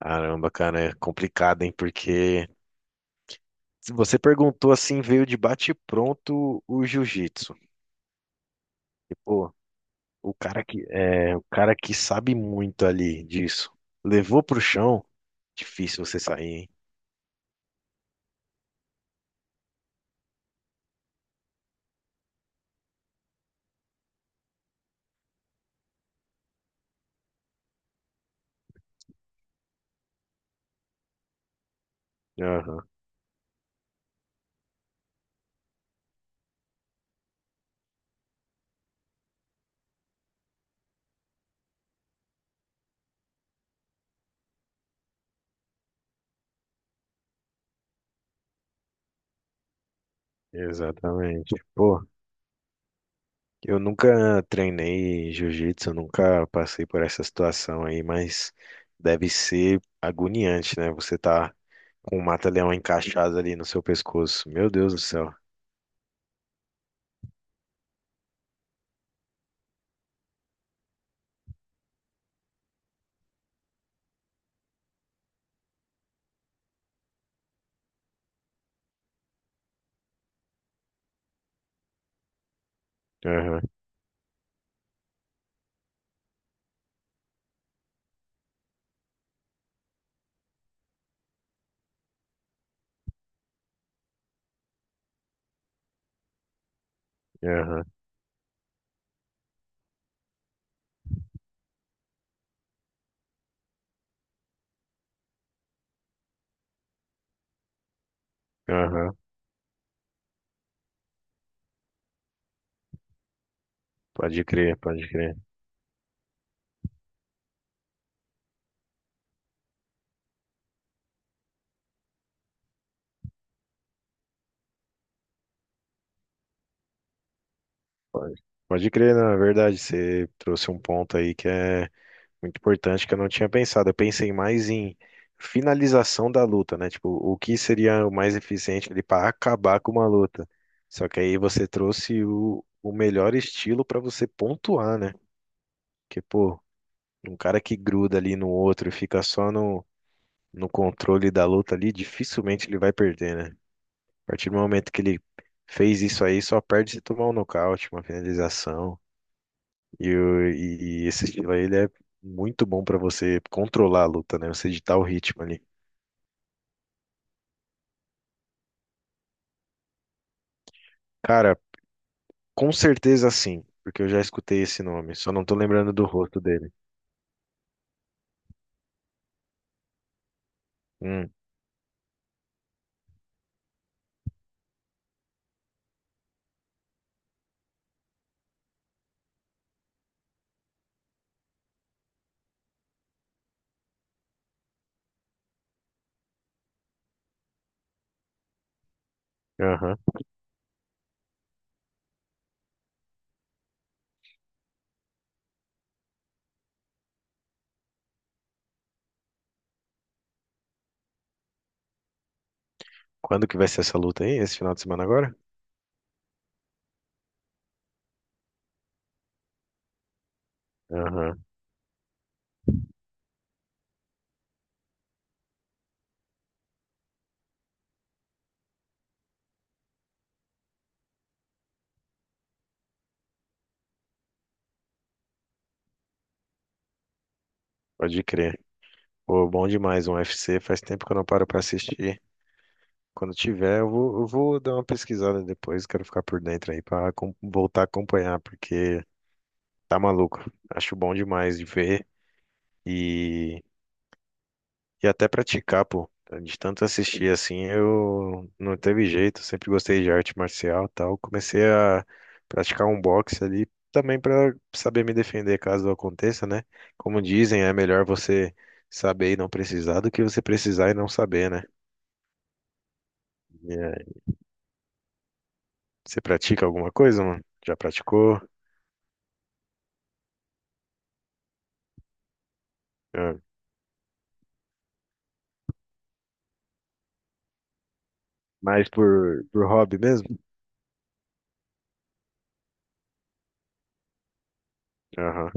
Caramba, cara, é complicado, hein? Porque se você perguntou assim, veio de bate-pronto o jiu-jitsu. E, pô, o cara que sabe muito ali disso, levou pro chão, difícil você sair, hein? Aham, exatamente. Pô, eu nunca treinei jiu-jitsu, eu nunca passei por essa situação aí, mas deve ser agoniante, né? Você tá com o mata-leão encaixado ali no seu pescoço. Meu Deus do céu. Aham, aham, aham. Pode crer, pode crer. Pode, pode crer, na verdade, você trouxe um ponto aí que é muito importante que eu não tinha pensado. Eu pensei mais em finalização da luta, né? Tipo, o que seria o mais eficiente ali para acabar com uma luta. Só que aí você trouxe o melhor estilo para você pontuar, né? Porque, pô, um cara que gruda ali no outro e fica só no controle da luta ali, dificilmente ele vai perder, né? A partir do momento que ele fez isso aí, só perde se tomar um nocaute, uma finalização. E esse estilo aí, ele é muito bom pra você controlar a luta, né? Você ditar o ritmo ali. Cara, com certeza sim, porque eu já escutei esse nome, só não tô lembrando do rosto dele. Hum, aham. Quando que vai ser essa luta aí? Esse final de semana agora? Aham, pode crer. Pô, bom demais um UFC, faz tempo que eu não paro pra assistir. Quando tiver, eu vou dar uma pesquisada depois, quero ficar por dentro aí pra voltar a acompanhar, porque tá maluco. Acho bom demais de ver e, e até praticar, pô. De tanto assistir assim, eu não teve jeito, sempre gostei de arte marcial e tal. Comecei a praticar um boxe ali também pra saber me defender caso aconteça, né? Como dizem, é melhor você saber e não precisar do que você precisar e não saber, né? E, é, Você pratica alguma coisa, mano? Já praticou? Ah, mais por hobby mesmo? Aham,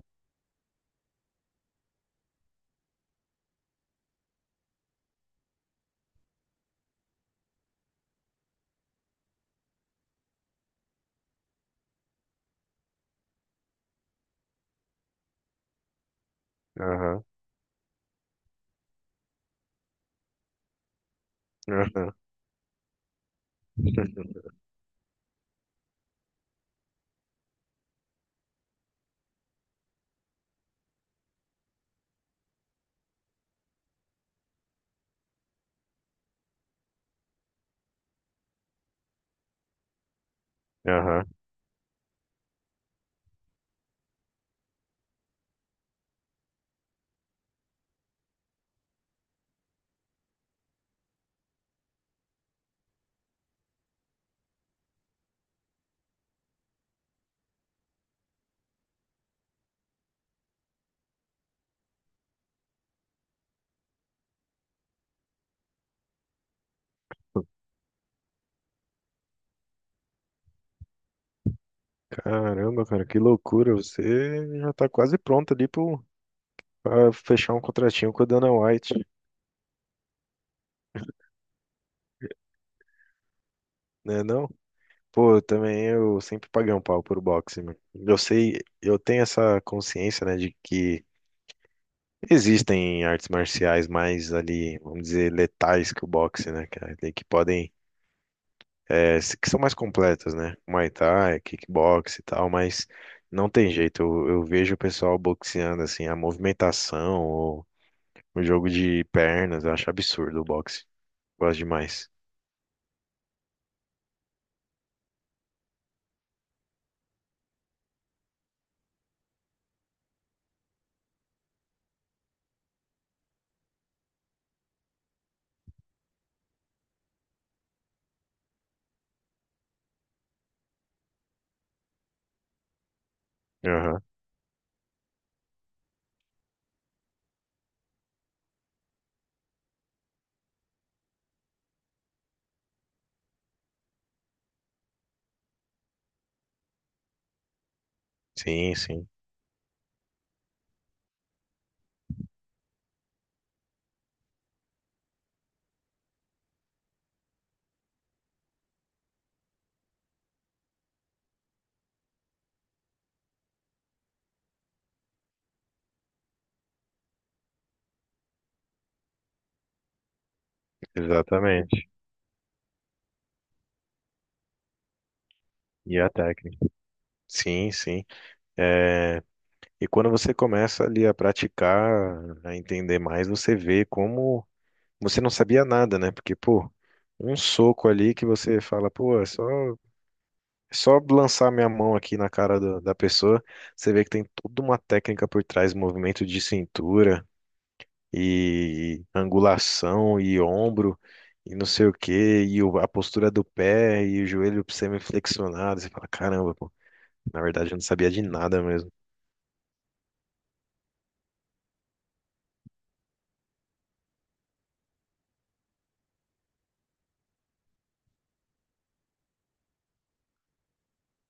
aham, aham, aham. Caramba, cara, que loucura. Você já tá quase pronto ali pra fechar um contratinho com a Dana White, né não? Pô, eu também eu sempre paguei um pau por boxe, mano. Eu sei, eu tenho essa consciência, né, de que existem artes marciais mais ali, vamos dizer, letais que o boxe, né, cara? Ali que podem, que são mais completas, né? Muay Thai, kickbox e tal, mas não tem jeito. Eu vejo o pessoal boxeando, assim, a movimentação, o jogo de pernas, eu acho absurdo o boxe. Gosto demais. Aham. Sim, sim, exatamente. E a técnica. Sim, sim. É, E quando você começa ali a praticar, a entender mais, você vê como você não sabia nada, né? Porque, pô, um soco ali que você fala, pô, é só lançar minha mão aqui na cara da pessoa, você vê que tem toda uma técnica por trás, movimento de cintura, e angulação e ombro e não sei o quê, e o- a postura do pé e o joelho semiflexionado. Você fala, caramba, pô, na verdade eu não sabia de nada mesmo.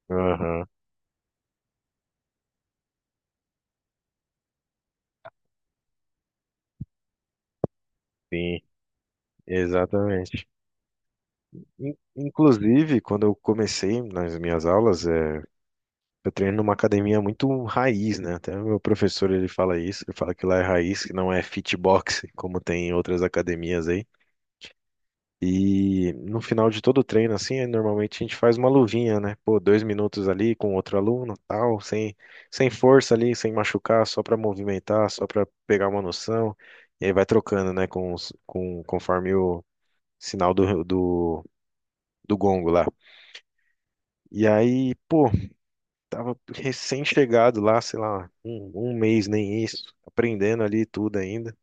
Aham, sim, exatamente. Inclusive, quando eu comecei nas minhas aulas, eu treino numa academia muito raiz, né? Até o meu professor ele fala isso, ele fala que lá é raiz, que não é fitbox, como tem em outras academias aí. E no final de todo o treino, assim, normalmente a gente faz uma luvinha, né? Pô, 2 minutos ali com outro aluno, tal, sem força ali, sem machucar, só para movimentar, só para pegar uma noção. E aí vai trocando, né? Conforme o sinal do, gongo lá. E aí, pô, tava recém-chegado lá, sei lá, um mês, nem isso, aprendendo ali tudo ainda.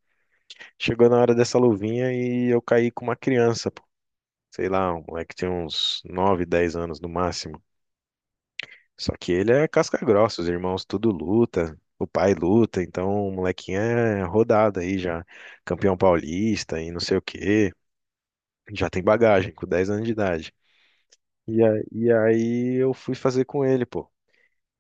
Chegou na hora dessa luvinha e eu caí com uma criança. Sei lá, um moleque tinha uns 9, 10 anos no máximo. Só que ele é casca grossa, os irmãos tudo luta, o pai luta, então o molequinho é rodado aí já, campeão paulista e não sei o quê, já tem bagagem com 10 anos de idade. E aí eu fui fazer com ele, pô.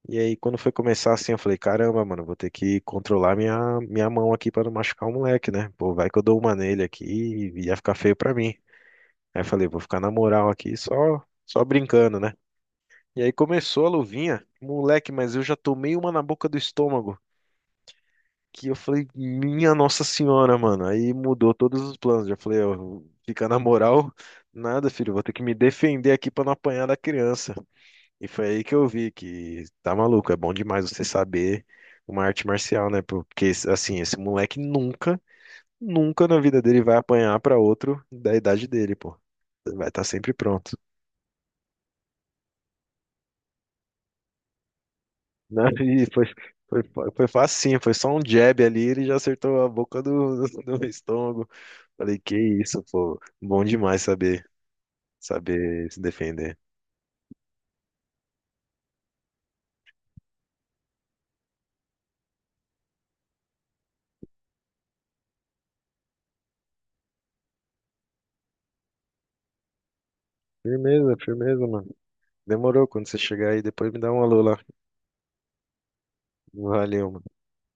E aí quando foi começar assim, eu falei, caramba, mano, vou ter que controlar minha mão aqui pra não machucar o moleque, né? Pô, vai que eu dou uma nele aqui e ia ficar feio pra mim. Aí eu falei, vou ficar na moral aqui só, brincando, né? E aí começou a luvinha. Moleque, mas eu já tomei uma na boca do estômago. Que eu falei, minha Nossa Senhora, mano. Aí mudou todos os planos. Já falei, ó, ficar na moral, nada, filho. Vou ter que me defender aqui pra não apanhar da criança. E foi aí que eu vi que tá maluco. É bom demais você saber uma arte marcial, né? Porque, assim, esse moleque nunca, na vida dele vai apanhar pra outro da idade dele, pô. Vai estar sempre pronto. Não, e foi, foi facinho, foi só um jab ali, ele já acertou a boca do, do estômago. Falei, que isso, pô, bom demais saber se defender. Firmeza, firmeza, mano. Demorou, quando você chegar aí, depois me dá um alô lá. Valeu, mano.